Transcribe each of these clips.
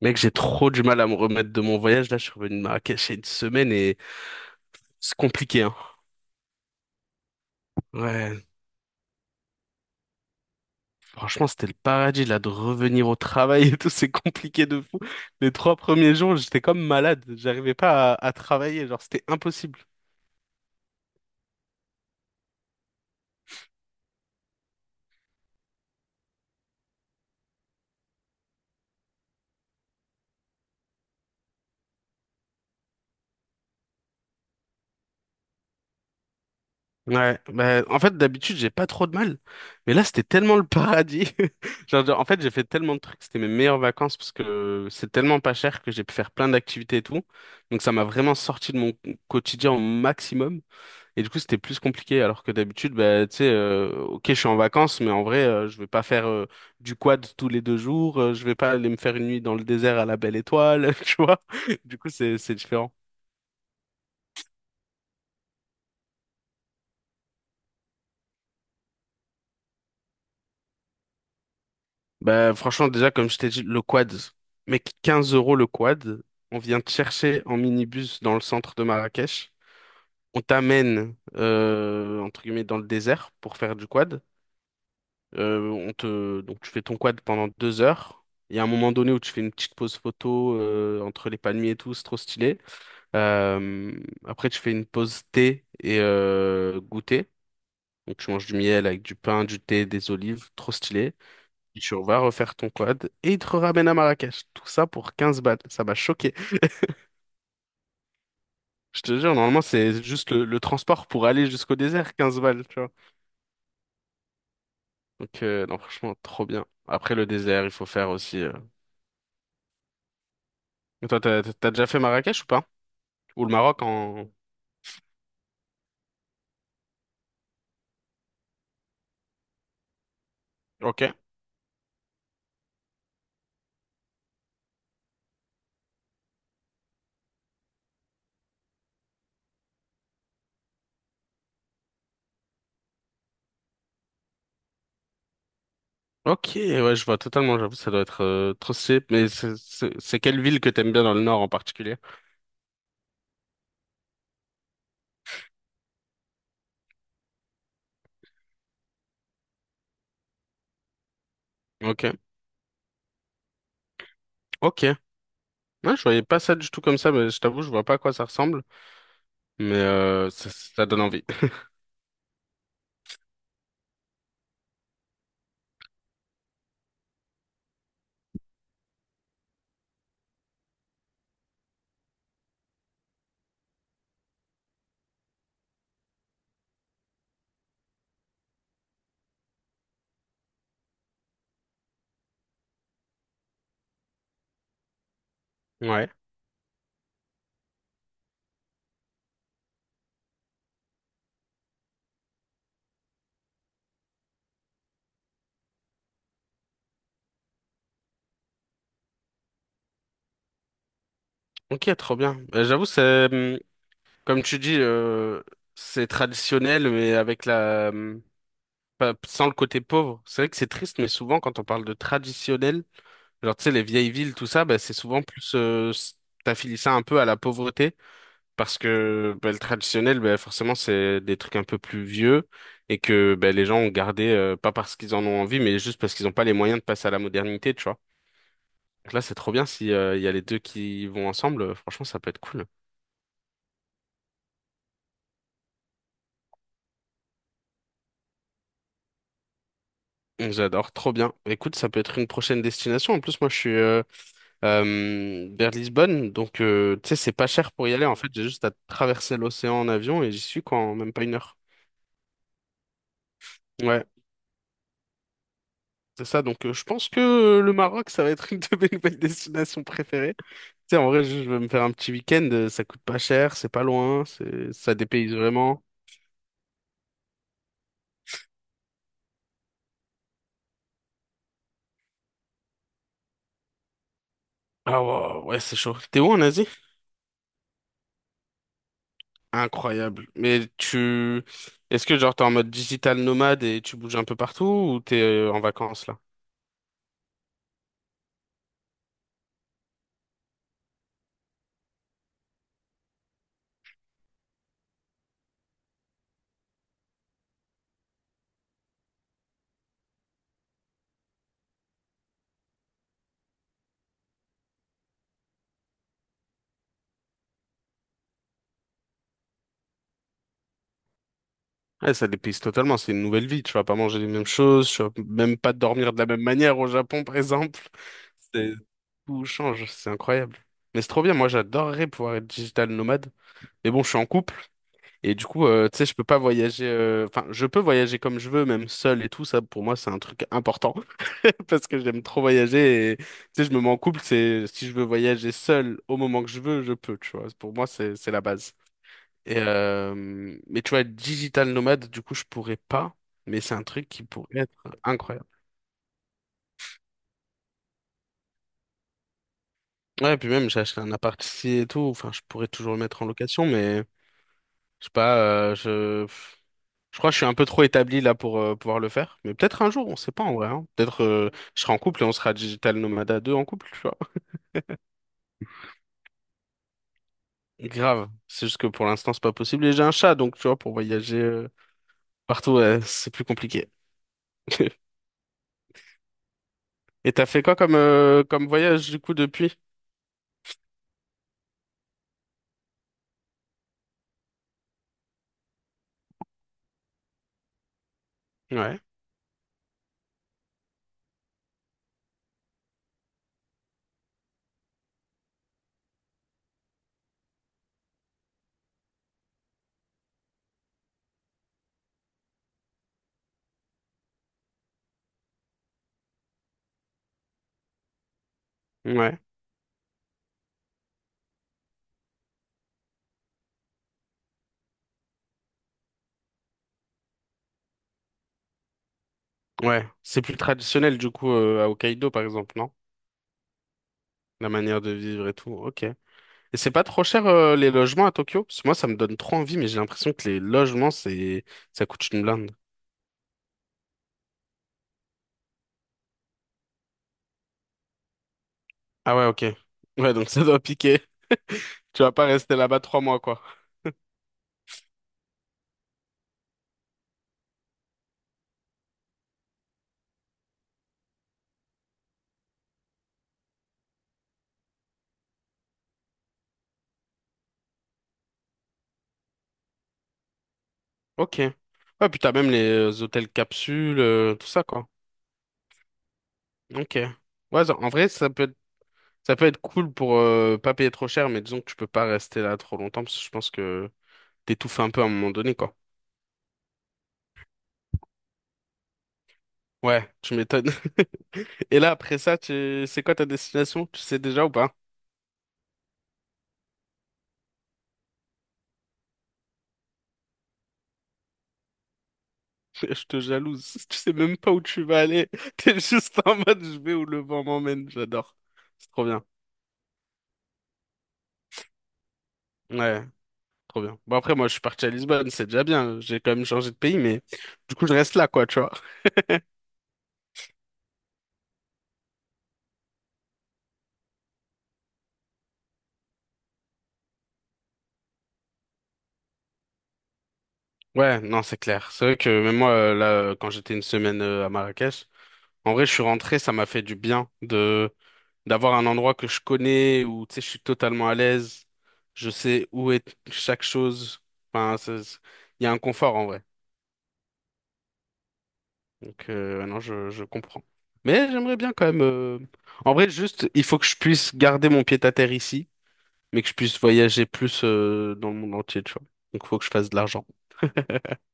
Mec, j'ai trop du mal à me remettre de mon voyage. Là, je suis revenu de Marrakech il y a une semaine et c'est compliqué, hein. Ouais, franchement, c'était le paradis, là, de revenir au travail et tout, c'est compliqué de fou. Les trois premiers jours, j'étais comme malade. J'arrivais pas à travailler, genre, c'était impossible. Ouais, bah, en fait, d'habitude, j'ai pas trop de mal. Mais là, c'était tellement le paradis. Genre, en fait, j'ai fait tellement de trucs. C'était mes meilleures vacances parce que c'est tellement pas cher que j'ai pu faire plein d'activités et tout. Donc, ça m'a vraiment sorti de mon quotidien au maximum. Et du coup, c'était plus compliqué, alors que d'habitude, bah, tu sais, ok, je suis en vacances, mais en vrai, je vais pas faire du quad tous les 2 jours, je vais pas aller me faire une nuit dans le désert à la Belle Étoile, tu vois. Du coup, c'est différent. Bah, franchement, déjà, comme je t'ai dit, le quad, mec, 15 € le quad, on vient te chercher en minibus dans le centre de Marrakech, on t'amène, entre guillemets, dans le désert pour faire du quad. Donc, tu fais ton quad pendant 2 heures. Il y a un moment donné où tu fais une petite pause photo entre les palmiers et tout, c'est trop stylé. Euh, Après, tu fais une pause thé et goûter. Donc, tu manges du miel avec du pain, du thé, des olives, trop stylé. Et tu vas refaire ton quad et il te ramène à Marrakech. Tout ça pour 15 balles. Ça m'a choqué. Je te jure, normalement, c'est juste le transport pour aller jusqu'au désert, 15 balles, tu vois. Donc, non, franchement, trop bien. Après le désert, il faut faire aussi. Et toi, t'as déjà fait Marrakech ou pas? Ou le Maroc en... Ok. Ok, ouais, je vois totalement, j'avoue, ça doit être trop stylé. Mais c'est quelle ville que t'aimes bien dans le nord en particulier? Ok. Ok. Ouais, je voyais pas ça du tout comme ça, mais je t'avoue, je vois pas à quoi ça ressemble. Mais ça donne envie. Ouais. Ok, trop bien. J'avoue, comme tu dis, c'est traditionnel, mais avec la... pas- sans le côté pauvre. C'est vrai que c'est triste, mais souvent, quand on parle de traditionnel, genre, tu sais, les vieilles villes, tout ça, bah, c'est souvent plus... t'affilie ça un peu à la pauvreté. Parce que bah, le traditionnel, bah, forcément, c'est des trucs un peu plus vieux et que bah, les gens ont gardé, pas parce qu'ils en ont envie, mais juste parce qu'ils n'ont pas les moyens de passer à la modernité, tu vois. Donc là, c'est trop bien si il y a les deux qui vont ensemble. Franchement, ça peut être cool. J'adore, trop bien. Écoute, ça peut être une prochaine destination. En plus, moi, je suis vers Lisbonne, donc tu sais, c'est pas cher pour y aller. En fait, j'ai juste à traverser l'océan en avion et j'y suis quoi, en même pas une heure. Ouais, c'est ça. Donc, je pense que le Maroc, ça va être une de mes nouvelles destinations préférées. Sais, en vrai, je vais me faire un petit week-end, ça coûte pas cher, c'est pas loin, ça dépayse vraiment. Ah wow, ouais, c'est chaud. T'es où en Asie? Incroyable. Mais est-ce que genre t'es en mode digital nomade et tu bouges un peu partout ou t'es en vacances là? Ouais, ça dépayse totalement, c'est une nouvelle vie, tu vas pas manger les mêmes choses, tu vas même pas dormir de la même manière au Japon par exemple. C'est, Tout change, c'est incroyable. Mais c'est trop bien, moi j'adorerais pouvoir être digital nomade. Mais bon, je suis en couple. Et du coup, tu sais, je peux pas voyager. Enfin, je peux voyager comme je veux, même seul et tout. Ça, pour moi, c'est un truc important parce que j'aime trop voyager. Et tu sais, je me mets en couple. C'est si je veux voyager seul au moment que je veux, je peux. Tu vois, pour moi, c'est la base. Et mais tu vois, être digital nomade, du coup, je pourrais pas. Mais c'est un truc qui pourrait être incroyable. Ouais, puis même, j'ai acheté un appart ici et tout. Enfin, je pourrais toujours le mettre en location, mais je sais pas. Je crois que je suis un peu trop établi là pour pouvoir le faire. Mais peut-être un jour, on sait pas en vrai, hein. Peut-être je serai en couple et on sera Digital Nomade à deux en couple, tu vois. Grave. C'est juste que pour l'instant, c'est pas possible. Et j'ai un chat, donc tu vois, pour voyager partout, ouais, c'est plus compliqué. Et t'as fait quoi comme voyage du coup depuis? Ouais. Ouais. Ouais. C'est plus traditionnel du coup à Hokkaido par exemple, non? La manière de vivre et tout. Ok. Et c'est pas trop cher les logements à Tokyo? Parce que moi, ça me donne trop envie, mais j'ai l'impression que les logements, c'est ça coûte une blinde. Ah ouais, ok. Ouais, donc ça doit piquer. Tu vas pas rester là-bas 3 mois, quoi. Ok. Ouais, puis t'as même les hôtels capsules, tout ça, quoi. Ok. Ouais, en vrai, ça peut être cool pour pas payer trop cher, mais disons que tu peux pas rester là trop longtemps parce que je pense que t'étouffes un peu à un moment donné, quoi. Ouais, tu m'étonnes. Et là, après ça, c'est quoi ta destination? Tu sais déjà ou pas? Je te jalouse. Tu sais même pas où tu vas aller. T'es juste en mode, je vais où le vent m'emmène. J'adore. C'est trop bien. Ouais. Trop bien. Bon, après, moi, je suis parti à Lisbonne, c'est déjà bien. J'ai quand même changé de pays, mais du coup, je reste là, quoi, tu vois. Ouais, non, c'est clair. C'est vrai que même moi, là, quand j'étais une semaine à Marrakech, en vrai, je suis rentré, ça m'a fait du bien de d'avoir un endroit que je connais, où, tu sais, je suis totalement à l'aise. Je sais où est chaque chose. Enfin, il y a un confort, en vrai. Donc, non, je comprends. Mais j'aimerais bien quand même... En vrai, juste, il faut que je puisse garder mon pied-à-terre ici. Mais que je puisse voyager plus dans le monde entier, tu vois. Donc faut que je fasse de l'argent.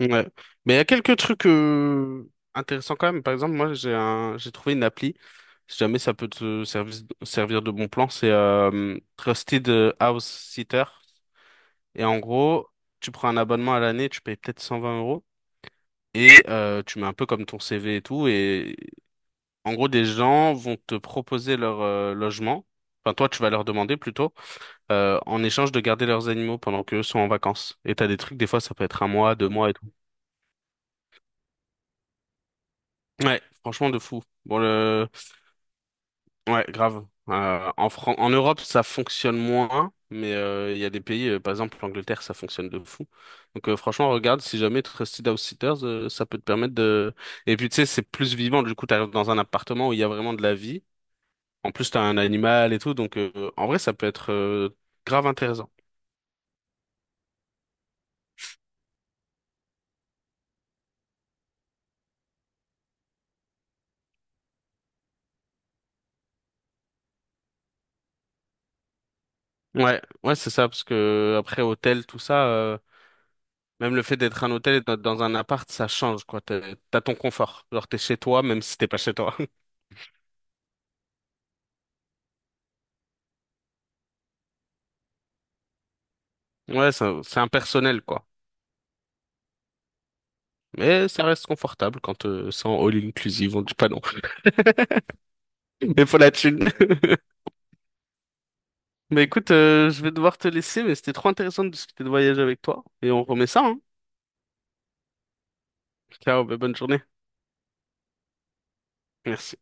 Ouais. Mais il y a quelques trucs intéressants quand même. Par exemple, moi j'ai trouvé une appli, si jamais ça peut te servir de bon plan, c'est Trusted House Sitter. Et en gros, tu prends un abonnement à l'année, tu payes peut-être 120 euros. Et tu mets un peu comme ton CV et tout. Et en gros, des gens vont te proposer leur logement. Enfin, toi, tu vas leur demander plutôt. En échange de garder leurs animaux pendant qu'eux sont en vacances. Et t'as des trucs, des fois, ça peut être un mois, deux mois et tout. Ouais, franchement, de fou. Bon, Ouais, grave. En Europe, ça fonctionne moins, mais il y a des pays, par exemple l'Angleterre, ça fonctionne de fou. Donc franchement, regarde, si jamais Trusted House Sitters, ça peut te permettre de... Et puis tu sais, c'est plus vivant, du coup, t'arrives dans un appartement où il y a vraiment de la vie. En plus, t'as un animal et tout, donc en vrai, ça peut être grave intéressant. Ouais, ouais, c'est ça, parce que après hôtel, tout ça. Même le fait d'être un hôtel et d'être dans un appart, ça change, quoi. T'as ton confort. Genre, t'es chez toi, même si t'es pas chez toi. Ouais, c'est impersonnel, quoi. Mais ça reste confortable quand c'est en all inclusive, on dit pas non. Mais faut la thune. Mais écoute, je vais devoir te laisser, mais c'était trop intéressant de discuter de voyage avec toi. Et on remet ça, hein. Ciao, bah, bonne journée. Merci.